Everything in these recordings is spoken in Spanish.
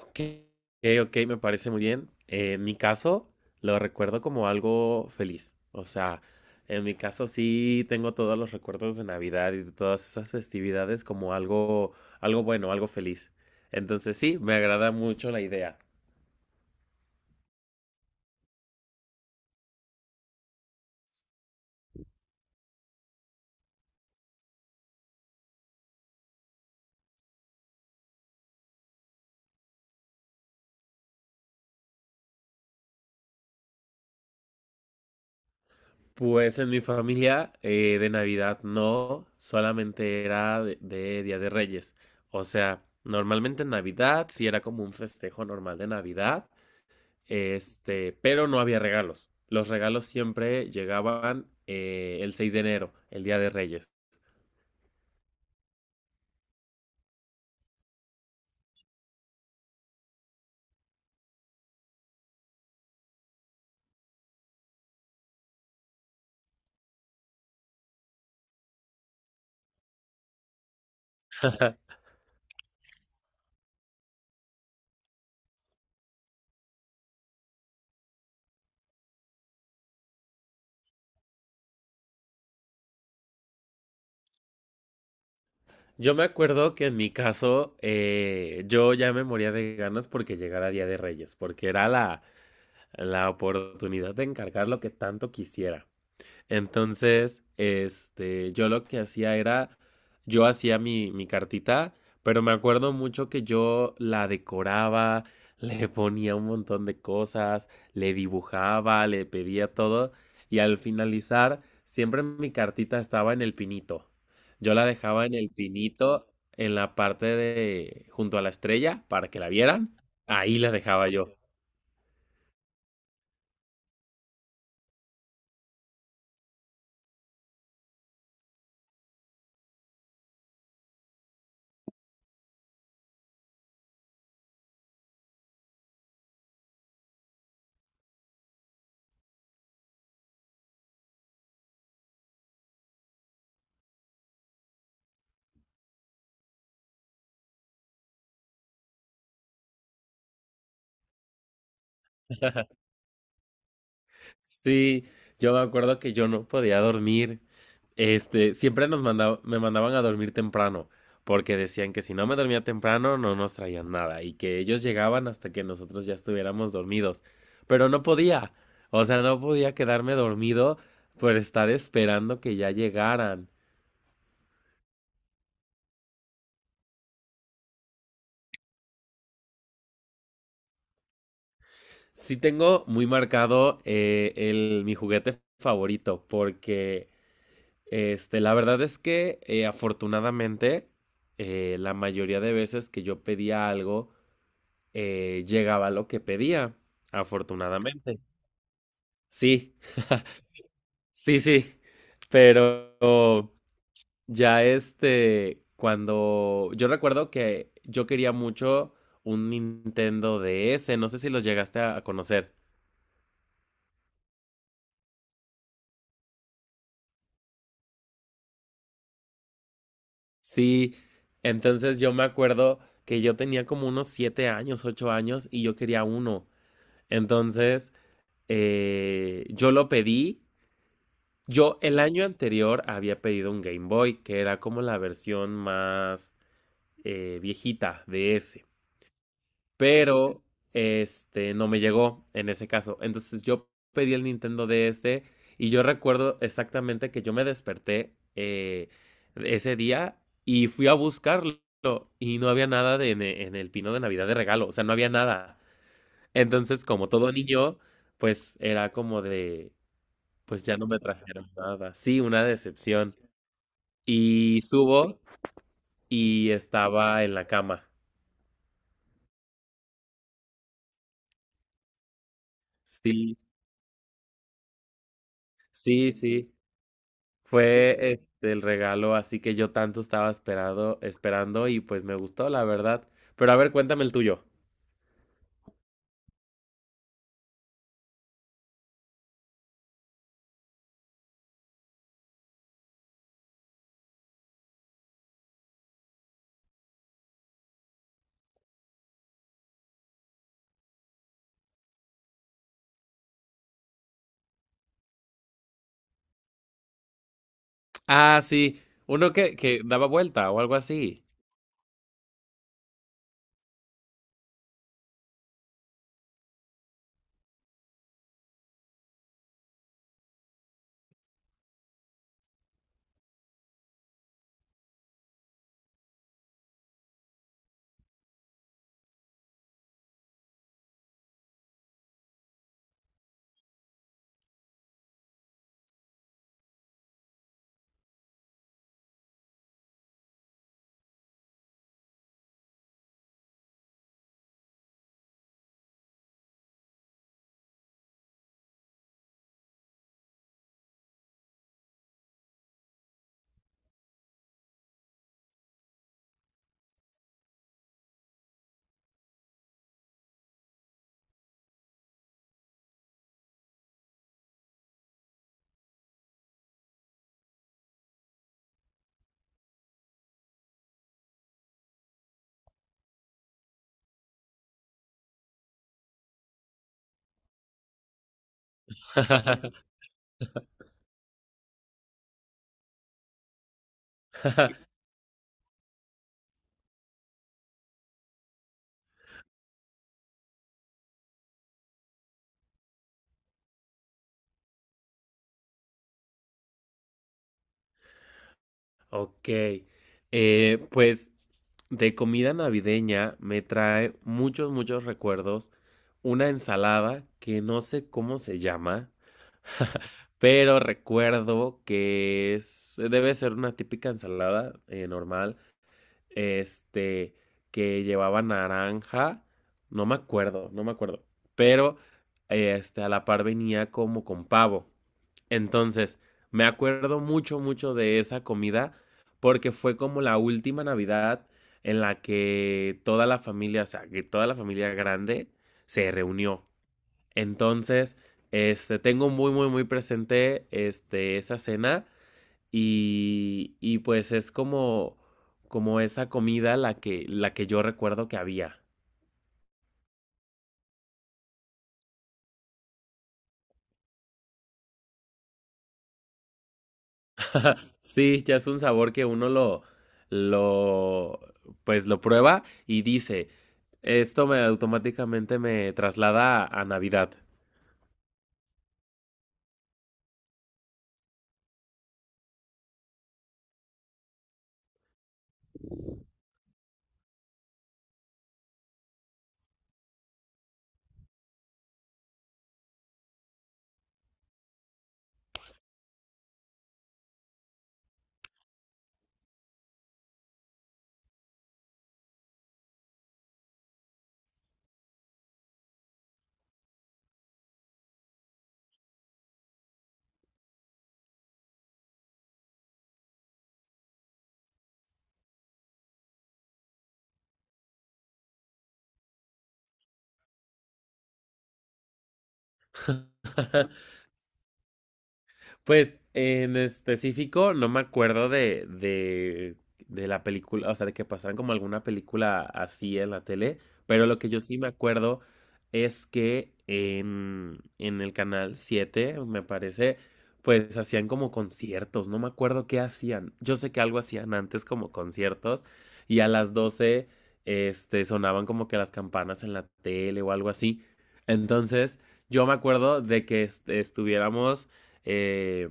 Ok, ok, me parece muy bien. En mi caso, lo recuerdo como algo feliz. O sea, en mi caso sí tengo todos los recuerdos de Navidad y de todas esas festividades como algo, algo bueno, algo feliz. Entonces sí, me agrada mucho la idea. Pues en mi familia de Navidad no, solamente era de Día de Reyes. O sea, normalmente en Navidad sí era como un festejo normal de Navidad. Pero no había regalos. Los regalos siempre llegaban el 6 de enero, el Día de Reyes. Yo me acuerdo que en mi caso, yo ya me moría de ganas porque llegara Día de Reyes, porque era la oportunidad de encargar lo que tanto quisiera. Entonces, yo lo que hacía era, yo hacía mi cartita, pero me acuerdo mucho que yo la decoraba, le ponía un montón de cosas, le dibujaba, le pedía todo, y al finalizar, siempre mi cartita estaba en el pinito. Yo la dejaba en el pinito, en la parte de, junto a la estrella, para que la vieran. Ahí la dejaba yo. Sí, yo me acuerdo que yo no podía dormir. Siempre me mandaban a dormir temprano, porque decían que si no me dormía temprano no nos traían nada y que ellos llegaban hasta que nosotros ya estuviéramos dormidos. Pero no podía, o sea, no podía quedarme dormido por estar esperando que ya llegaran. Sí tengo muy marcado el, mi juguete favorito, porque la verdad es que afortunadamente la mayoría de veces que yo pedía algo llegaba lo que pedía, afortunadamente. Sí, sí, pero ya cuando yo recuerdo que yo quería mucho un Nintendo DS, no sé si los llegaste a conocer. Sí, entonces yo me acuerdo que yo tenía como unos siete años, ocho años y yo quería uno. Entonces, yo lo pedí. Yo el año anterior había pedido un Game Boy, que era como la versión más viejita de ese. Pero este no me llegó en ese caso. Entonces yo pedí el Nintendo DS y yo recuerdo exactamente que yo me desperté ese día y fui a buscarlo y no había nada en el pino de Navidad de regalo. O sea, no había nada. Entonces, como todo niño, pues era como de. Pues ya no me trajeron nada. Sí, una decepción. Y subo y estaba en la cama. Sí, sí. Fue el regalo, así que yo tanto estaba esperado, esperando y pues me gustó, la verdad. Pero a ver, cuéntame el tuyo. Ah, sí, uno que daba vuelta o algo así. Ok. Pues de comida navideña me trae muchos, muchos recuerdos. Una ensalada que no sé cómo se llama, pero recuerdo que es, debe ser una típica ensalada normal, este, que llevaba naranja, no me acuerdo, pero a la par venía como con pavo. Entonces, me acuerdo mucho de esa comida porque fue como la última Navidad en la que toda la familia, o sea, que toda la familia grande se reunió. Entonces, tengo muy presente esa cena y pues es como, como esa comida la que yo recuerdo que había. Sí, ya es un sabor que uno lo, pues lo prueba y dice, esto me automáticamente me traslada a Navidad. Pues en específico no me acuerdo de la película, o sea, de que pasaran como alguna película así en la tele, pero lo que yo sí me acuerdo es que en el canal 7 me parece, pues hacían como conciertos, no me acuerdo qué hacían. Yo sé que algo hacían antes como conciertos y a las 12 sonaban como que las campanas en la tele o algo así. Entonces, yo me acuerdo de que estuviéramos eh,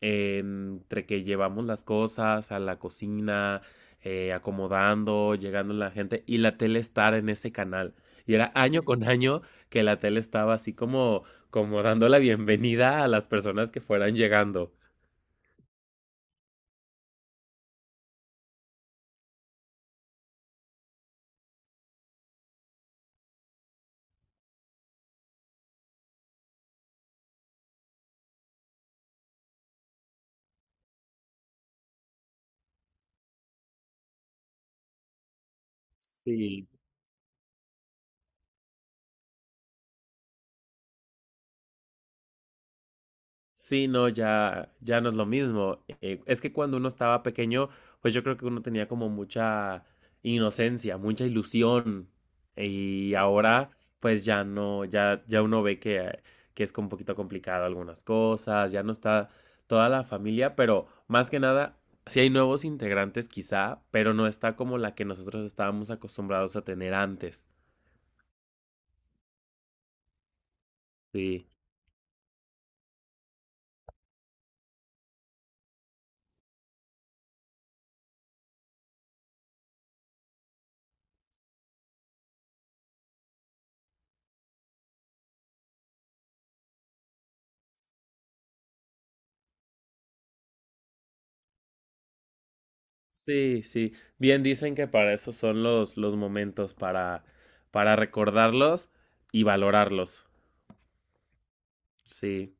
entre que llevamos las cosas a la cocina, acomodando, llegando la gente y la tele estar en ese canal. Y era año con año que la tele estaba así como, como dando la bienvenida a las personas que fueran llegando. Sí. Sí, no, ya no es lo mismo. Es que cuando uno estaba pequeño, pues yo creo que uno tenía como mucha inocencia, mucha ilusión. Y ahora, pues ya no, ya uno ve que es como un poquito complicado algunas cosas, ya no está toda la familia, pero más que nada, sí hay nuevos integrantes quizá, pero no está como la que nosotros estábamos acostumbrados a tener antes. Sí. Sí, sí. Bien dicen que para eso son los momentos, para recordarlos y valorarlos. Sí.